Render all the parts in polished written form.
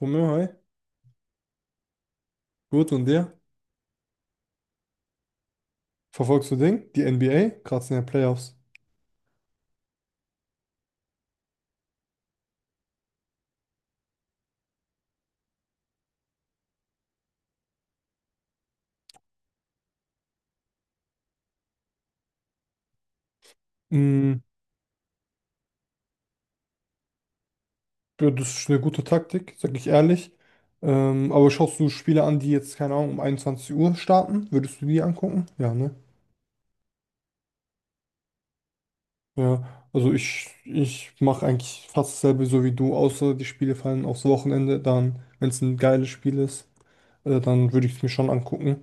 Romeo, hi. Gut, und dir? Verfolgst du Ding? Die NBA? Gerade sind ja Playoffs. Mm, ja, das ist eine gute Taktik, sag ich ehrlich. Aber schaust du Spiele an, die jetzt, keine Ahnung, um 21 Uhr starten? Würdest du die angucken? Ja, ne? Ja, also ich mache eigentlich fast dasselbe so wie du, außer die Spiele fallen aufs Wochenende. Dann, wenn es ein geiles Spiel ist, dann würde ich es mir schon angucken.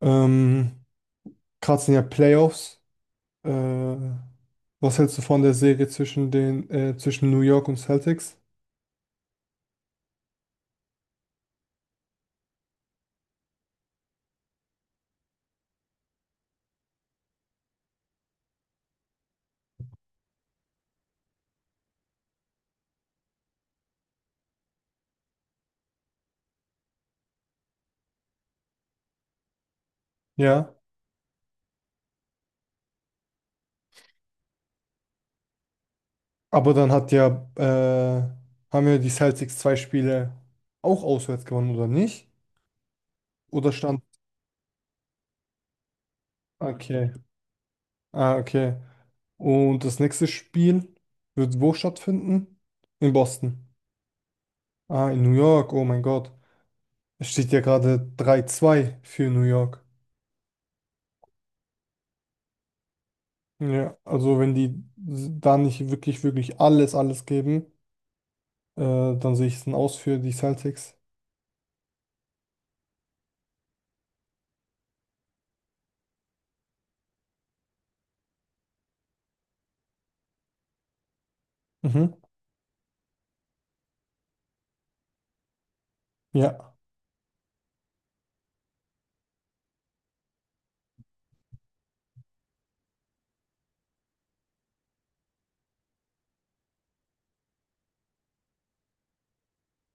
Ähm, Gerade sind ja Playoffs. Äh, Was hältst du von der Serie zwischen zwischen New York und Celtics? Ja, aber dann haben ja die Celtics zwei Spiele auch auswärts gewonnen, oder nicht? Oder stand, okay, okay. Und das nächste Spiel wird wo stattfinden? In Boston. Ah, in New York, oh mein Gott. Es steht ja gerade 3:2 für New York. Ja, also wenn die da nicht wirklich, wirklich alles, alles geben, dann sehe ich es ein Aus für die Celtics. Mhm. Ja,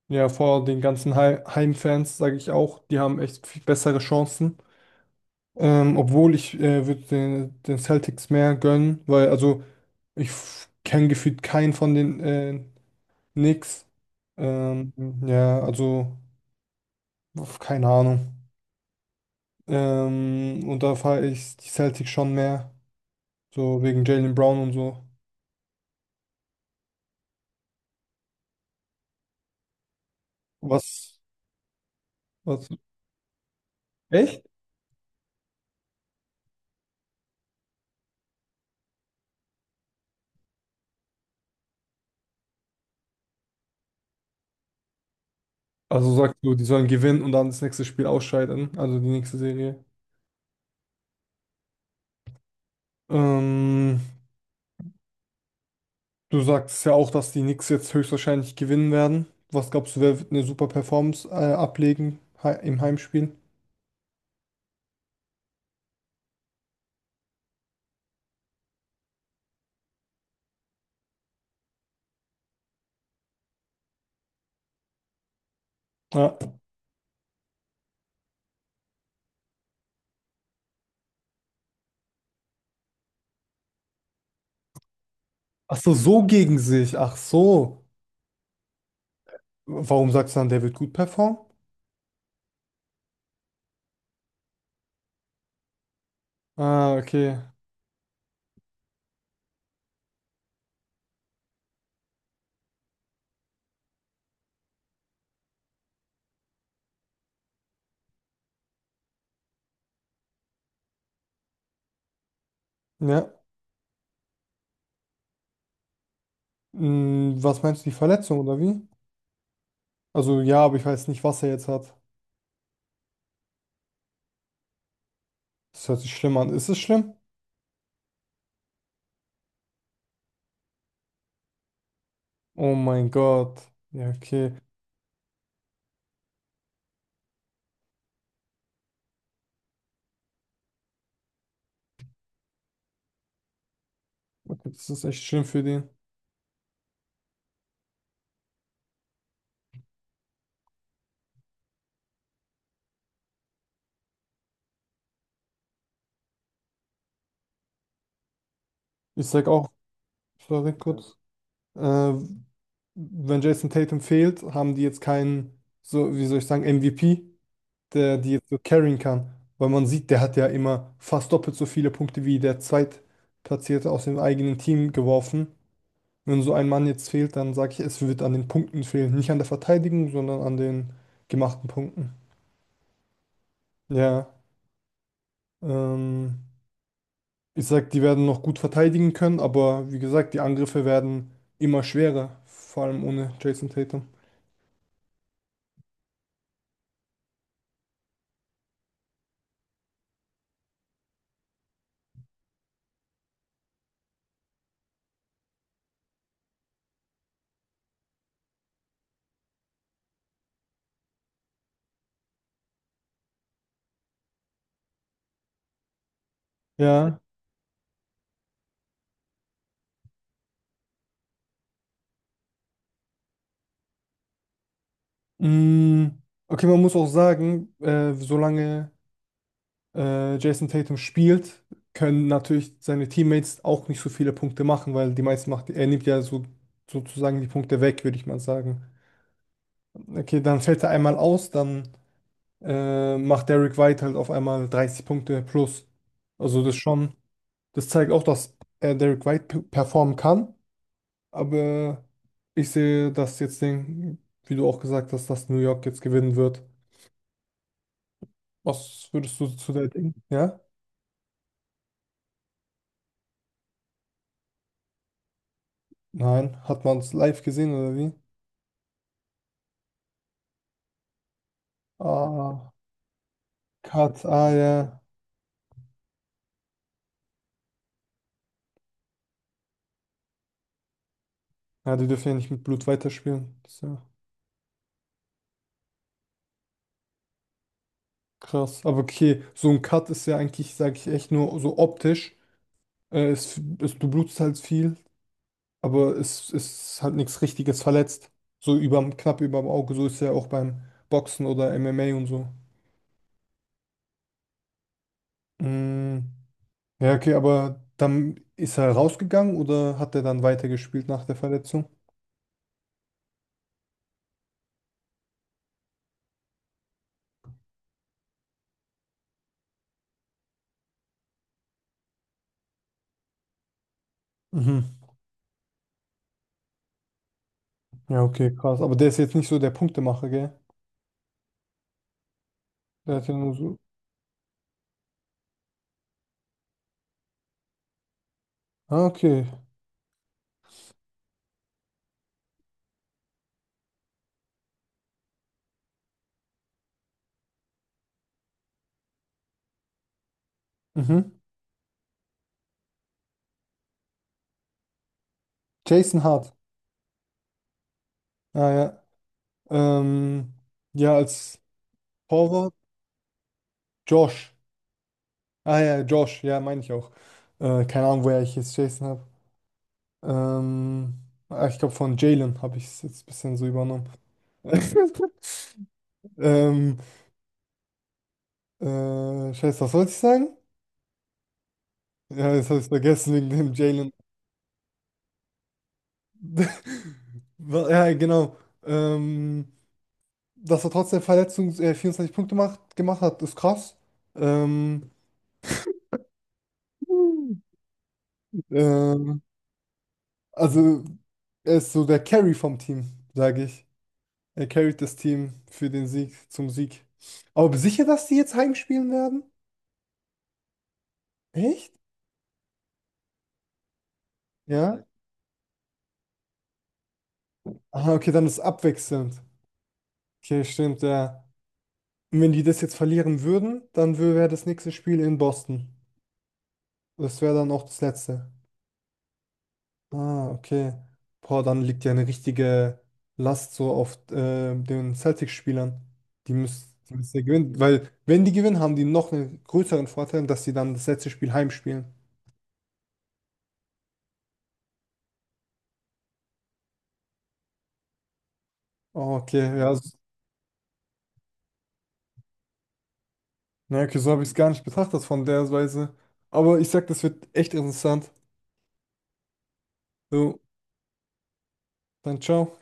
ja, vor den ganzen Heimfans sage ich auch, die haben echt viel bessere Chancen. Obwohl ich würde den Celtics mehr gönnen, weil also ich kenne gefühlt keinen von den Knicks. Ähm, ja, also uff, keine Ahnung. Und da fahre ich die Celtics schon mehr, so wegen Jalen Brown und so. Was, was? Echt? Also sagst du, die sollen gewinnen und dann das nächste Spiel ausscheiden, also die nächste Serie. Ähm, Du sagst ja auch, dass die Knicks jetzt höchstwahrscheinlich gewinnen werden. Was glaubst du, wer wird eine super Performance ablegen im Heimspiel? Ja. Ach so, so gegen sich. Ach so. Warum sagst du dann, der wird gut performen? Ah, okay. Ja. Was meinst du, die Verletzung oder wie? Also ja, aber ich weiß nicht, was er jetzt hat. Das hört sich schlimm an. Ist es schlimm? Oh mein Gott. Ja, okay. Okay, das ist echt schlimm für den. Ich sag auch, sorry, kurz. Äh, Wenn Jason Tatum fehlt, haben die jetzt keinen, so, wie soll ich sagen, MVP, der die jetzt so carryen kann. Weil man sieht, der hat ja immer fast doppelt so viele Punkte wie der Zweitplatzierte aus dem eigenen Team geworfen. Wenn so ein Mann jetzt fehlt, dann sage ich, es wird an den Punkten fehlen. Nicht an der Verteidigung, sondern an den gemachten Punkten. Ja, ähm, ich sag, die werden noch gut verteidigen können, aber wie gesagt, die Angriffe werden immer schwerer, vor allem ohne Jason Tatum. Ja, mm, okay, man muss auch sagen, solange Jason Tatum spielt, können natürlich seine Teammates auch nicht so viele Punkte machen, weil die meisten macht, er nimmt ja so, sozusagen die Punkte weg, würde ich mal sagen. Okay, dann fällt er einmal aus, dann macht Derrick White halt auf einmal 30 Punkte plus. Also das schon, das zeigt auch, dass er Derrick White performen kann, aber ich sehe, dass jetzt den, wie du auch gesagt hast, dass New York jetzt gewinnen wird. Was würdest du zu der denken? Ja? Nein, hat man es live gesehen oder wie? Ah, Cut, ah ja. Ja, die dürfen ja nicht mit Blut weiterspielen. Das ist ja krass. Aber okay, so ein Cut ist ja eigentlich, sage ich echt, nur so optisch. Du blutest halt viel, aber es ist halt nichts Richtiges verletzt. So knapp überm Auge, so ist ja auch beim Boxen oder MMA und so. Mm, ja, okay, aber dann ist er rausgegangen oder hat er dann weitergespielt nach der Verletzung? Mhm. Ja, okay, krass. Aber der ist jetzt nicht so der Punktemacher, gell? Der hat ja nur so. Ah, okay. Mhm. Jason Hart. Ah, ja. Ähm, ja, als Torwart. Josh. Ah, ja, Josh. Ja, meine ich auch. Keine Ahnung, woher ich jetzt Jason habe. Ähm, Ich glaube, von Jalen habe ich es jetzt ein bisschen so übernommen. ähm, scheiße, was wollte ich sagen? Ja, jetzt habe ich es vergessen wegen dem Jalen. Ja, genau. Ähm, Dass er trotzdem Verletzungs 24 Punkte gemacht hat, ist krass. Ähm, ähm, also, er ist so der Carry vom Team, sage ich. Er carryt das Team zum Sieg. Aber bist du sicher, dass die jetzt heimspielen werden? Echt? Ja? Aha, okay, dann ist abwechselnd. Okay, stimmt, ja. Und wenn die das jetzt verlieren würden, dann wäre das nächste Spiel in Boston. Das wäre dann auch das letzte. Ah, okay. Boah, dann liegt ja eine richtige Last so auf den Celtics-Spielern. Die müssen ja gewinnen, weil wenn die gewinnen, haben die noch einen größeren Vorteil, dass sie dann das letzte Spiel heimspielen. Oh, okay, ja. Na, okay, so habe ich es gar nicht betrachtet von der Weise. Aber ich sag, das wird echt interessant. So, dann ciao.